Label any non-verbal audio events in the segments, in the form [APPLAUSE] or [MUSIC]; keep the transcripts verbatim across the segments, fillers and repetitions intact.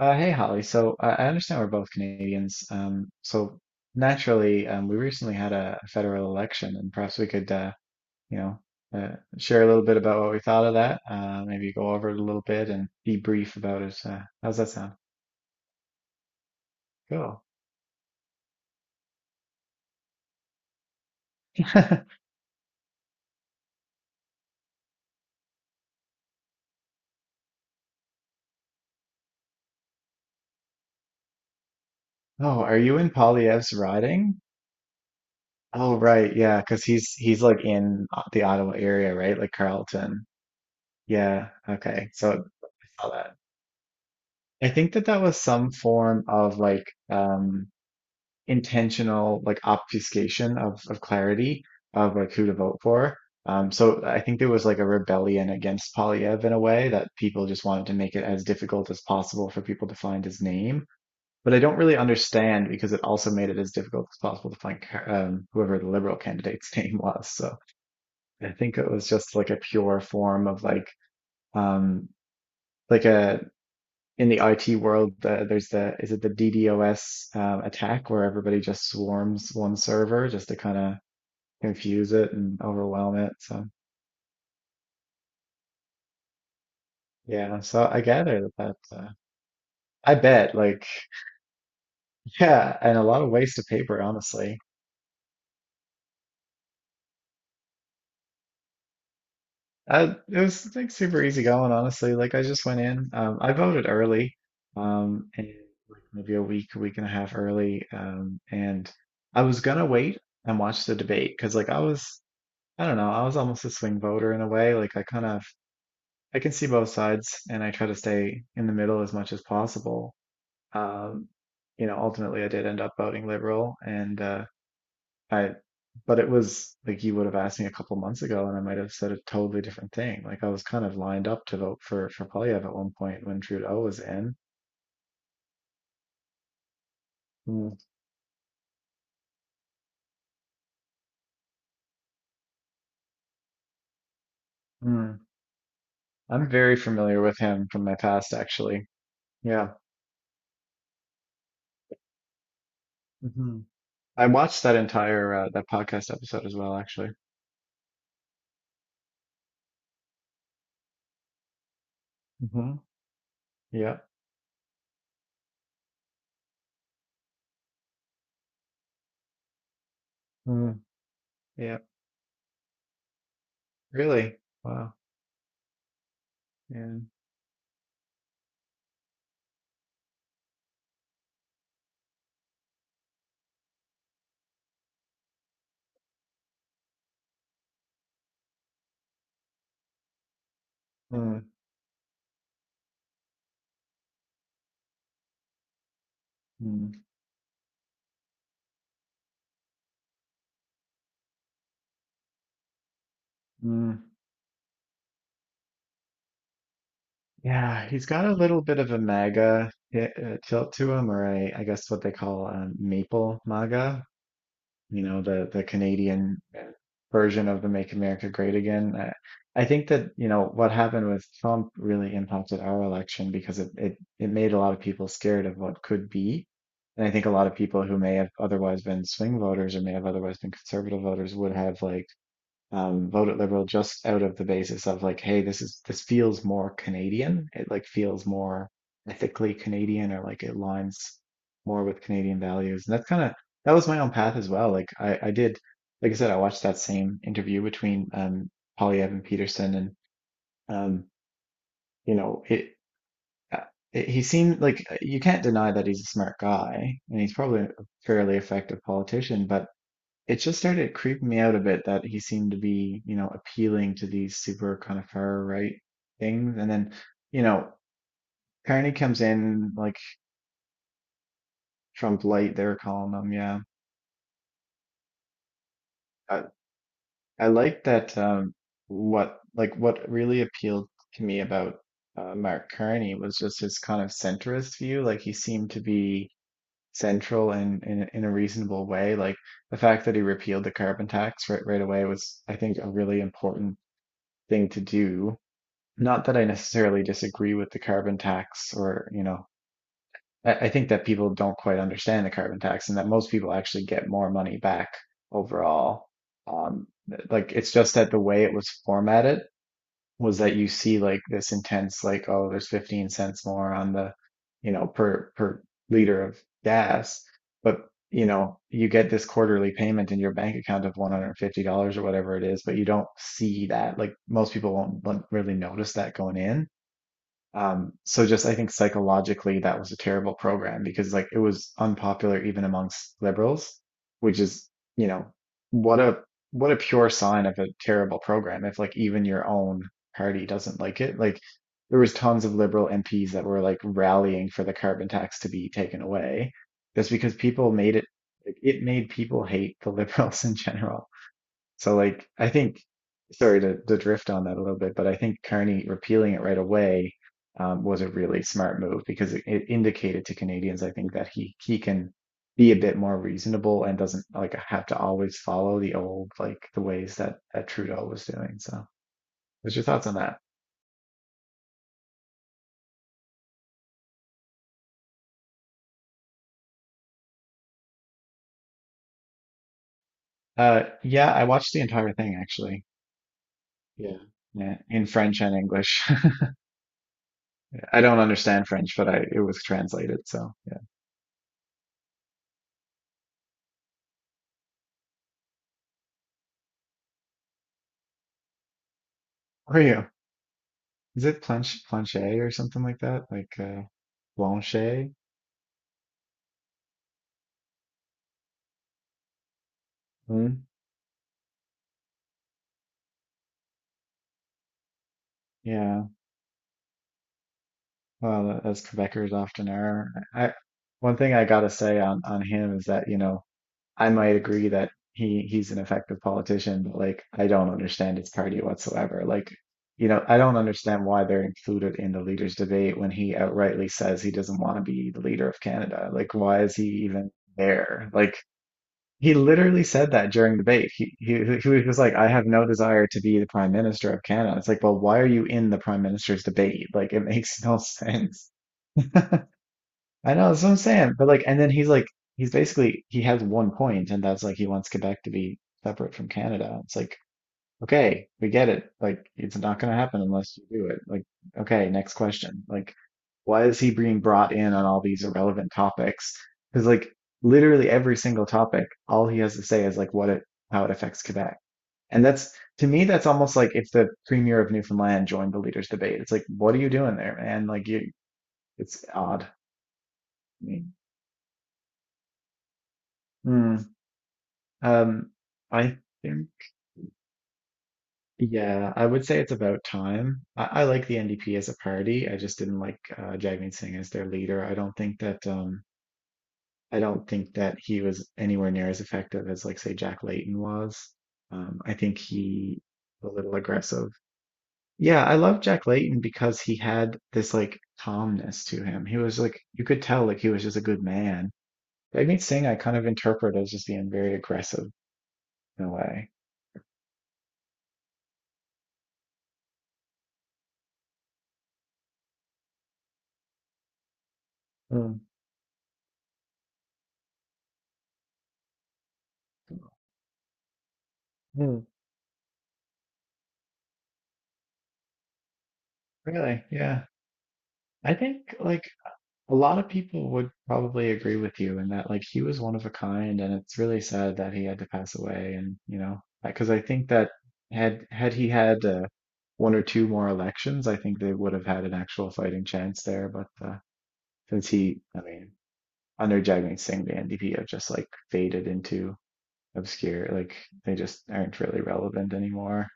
Uh, hey Holly, so I I understand we're both Canadians. Um, so naturally, um, we recently had a, a federal election, and perhaps we could, uh, you know, uh, share a little bit about what we thought of that. Uh, maybe go over it a little bit and debrief about it. Uh, how's that sound? Cool. [LAUGHS] Oh, are you in Polyev's riding? Oh, right, yeah, because he's he's like in O- the Ottawa area, right? Like Carleton. Yeah. Okay. So I saw that. I think that that was some form of like um intentional like obfuscation of of clarity of like who to vote for. Um, so I think there was like a rebellion against Polyev in a way that people just wanted to make it as difficult as possible for people to find his name. But I don't really understand because it also made it as difficult as possible to find um, whoever the liberal candidate's [LAUGHS] name was. So I think it was just like a pure form of like um, like a in the I T world, the, there's the is it the DDoS um, attack where everybody just swarms one server just to kind of confuse it and overwhelm it. So yeah, so I gather that that uh, I bet like [LAUGHS] Yeah, and a lot of waste of paper, honestly. Uh, it was like super easy going, honestly. Like I just went in. Um, I voted early, um, and like maybe a week, a week and a half early. Um, and I was gonna wait and watch the debate because like I was I don't know. I was almost a swing voter in a way. Like I kind of I can see both sides and I try to stay in the middle as much as possible. Um, you know, ultimately I did end up voting liberal, and uh I but it was like you would have asked me a couple months ago and I might have said a totally different thing. Like I was kind of lined up to vote for for Polyev at one point when Trudeau was in. Mm, mm. I'm very familiar with him from my past actually. Yeah. hmm I watched that entire uh, that podcast episode as well actually. hmm Yeah. Mm. Yeah, really. Wow. Yeah. Mm. Mm. Mm. Yeah, he's got a little bit of a MAGA hit, uh, tilt to him, or a, I guess what they call um, maple MAGA, you know, the the Canadian uh, version of the Make America Great Again. I, I think that, you know, what happened with Trump really impacted our election because it, it it made a lot of people scared of what could be. And I think a lot of people who may have otherwise been swing voters or may have otherwise been conservative voters would have like um, voted Liberal just out of the basis of like, hey, this is this feels more Canadian. It like feels more ethically Canadian or like it aligns more with Canadian values. And that's kind of that was my own path as well. Like I, I did, like I said, I watched that same interview between um, Polly Evan Peterson and um, you know it. uh, it- He seemed like uh, you can't deny that he's a smart guy, and he's probably a fairly effective politician. But it just started creeping me out a bit that he seemed to be, you know, appealing to these super kind of far right things. And then, you know, Carney comes in like Trump light, they were calling him. Yeah. I, I like that. Um, what, like, what really appealed to me about uh, Mark Carney was just his kind of centrist view. Like, he seemed to be central in, in, in a reasonable way. Like, the fact that he repealed the carbon tax right, right away was, I think, a really important thing to do. Not that I necessarily disagree with the carbon tax or, you know, I, I think that people don't quite understand the carbon tax and that most people actually get more money back overall. Um, like, it's just that the way it was formatted was that you see like this intense, like, oh, there's fifteen cents more on the, you know, per per liter of gas, but you know, you get this quarterly payment in your bank account of one hundred fifty dollars or whatever it is, but you don't see that. Like most people won't like, really notice that going in. Um, so just I think psychologically that was a terrible program because like it was unpopular even amongst liberals, which is, you know, what a what a pure sign of a terrible program if like even your own party doesn't like it. Like there was tons of liberal M Ps that were like rallying for the carbon tax to be taken away just because people made it like, it made people hate the [LAUGHS] liberals in general. So like I think, sorry to, to drift on that a little bit, but I think Carney repealing it right away um, was a really smart move because it, it indicated to Canadians, I think, that he he can be a bit more reasonable and doesn't like have to always follow the old like the ways that that Trudeau was doing. So, what's your thoughts on that? Uh, yeah, I watched the entire thing actually. Yeah. Yeah, in French and English. [LAUGHS] I don't understand French, but I it was translated, so yeah. How are you? Is it planche planche or something like that? Like uh Blanchet? Mm, yeah. Well, as Quebecers often are. I One thing I gotta say on on him is that, you know, I might agree that he he's an effective politician, but like I don't understand his party whatsoever. Like, you know, I don't understand why they're included in the leaders debate when he outrightly says he doesn't want to be the leader of Canada. Like, why is he even there? Like, He literally said that during debate. He, he he was like, "I have no desire to be the Prime Minister of Canada." It's like, well, why are you in the Prime Minister's debate? Like, it makes no [LAUGHS] sense. I know that's what I'm saying, but like, and then he's like, he's basically he has one point, and that's like he wants Quebec to be separate from Canada. It's like, okay, we get it. Like, it's not going to happen unless you do it. Like, okay, next question. Like, why is he being brought in on all these irrelevant topics? Because, like, literally every single topic, all he has to say is, like, what it, how it affects Quebec. And that's, to me, that's almost like if the premier of Newfoundland joined the leaders' debate. It's like, what are you doing there, man? Like, you, it's odd. I mean, hmm. Um, I think yeah, I would say it's about time. I, I like the N D P as a party. I just didn't like uh, Jagmeet Singh as their leader. I don't think that um, I don't think that he was anywhere near as effective as like say Jack Layton was. Um, I think he was a little aggressive. Yeah, I love Jack Layton because he had this like calmness to him. He was like You could tell like he was just a good man. Jagmeet Singh, I kind of interpret as just being very aggressive in a way. Mm, mm. Really? Yeah. I think like a lot of people would probably agree with you in that like he was one of a kind and it's really sad that he had to pass away, and you know because I think that had had he had uh, one or two more elections I think they would have had an actual fighting chance there, but uh, since he, I mean, under Jagmeet Singh the N D P have just like faded into obscure like they just aren't really relevant anymore.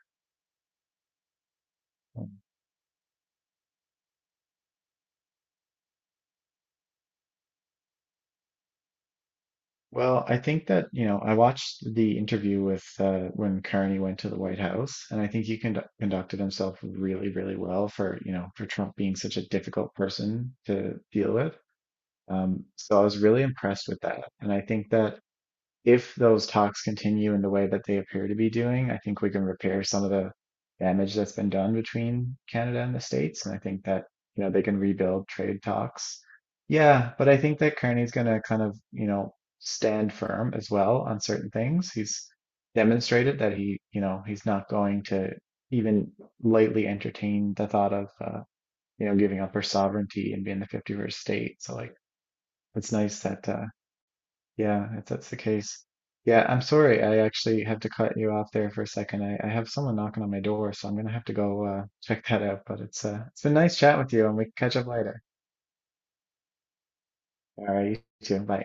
Well, I think that, you know, I watched the interview with uh, when Carney went to the White House, and I think he condu conducted himself really, really well for, you know, for Trump being such a difficult person to deal with. Um, so I was really impressed with that. And I think that, if those talks continue in the way that they appear to be doing, I think we can repair some of the damage that's been done between Canada and the States. And I think that, you know, they can rebuild trade talks. Yeah, but I think that Kearney's going to kind of, you know, stand firm as well on certain things. He's demonstrated that he, you know, he's not going to even lightly entertain the thought of, uh, you know, giving up her sovereignty and being the fifty-first state. So, like, it's nice that uh, yeah, if that's the case. Yeah, I'm sorry. I actually have to cut you off there for a second. I, I have someone knocking on my door, so I'm gonna have to go uh, [LAUGHS] check that out. But it's uh, it's been nice chat with you, and we can catch up later. All right, you too. Bye.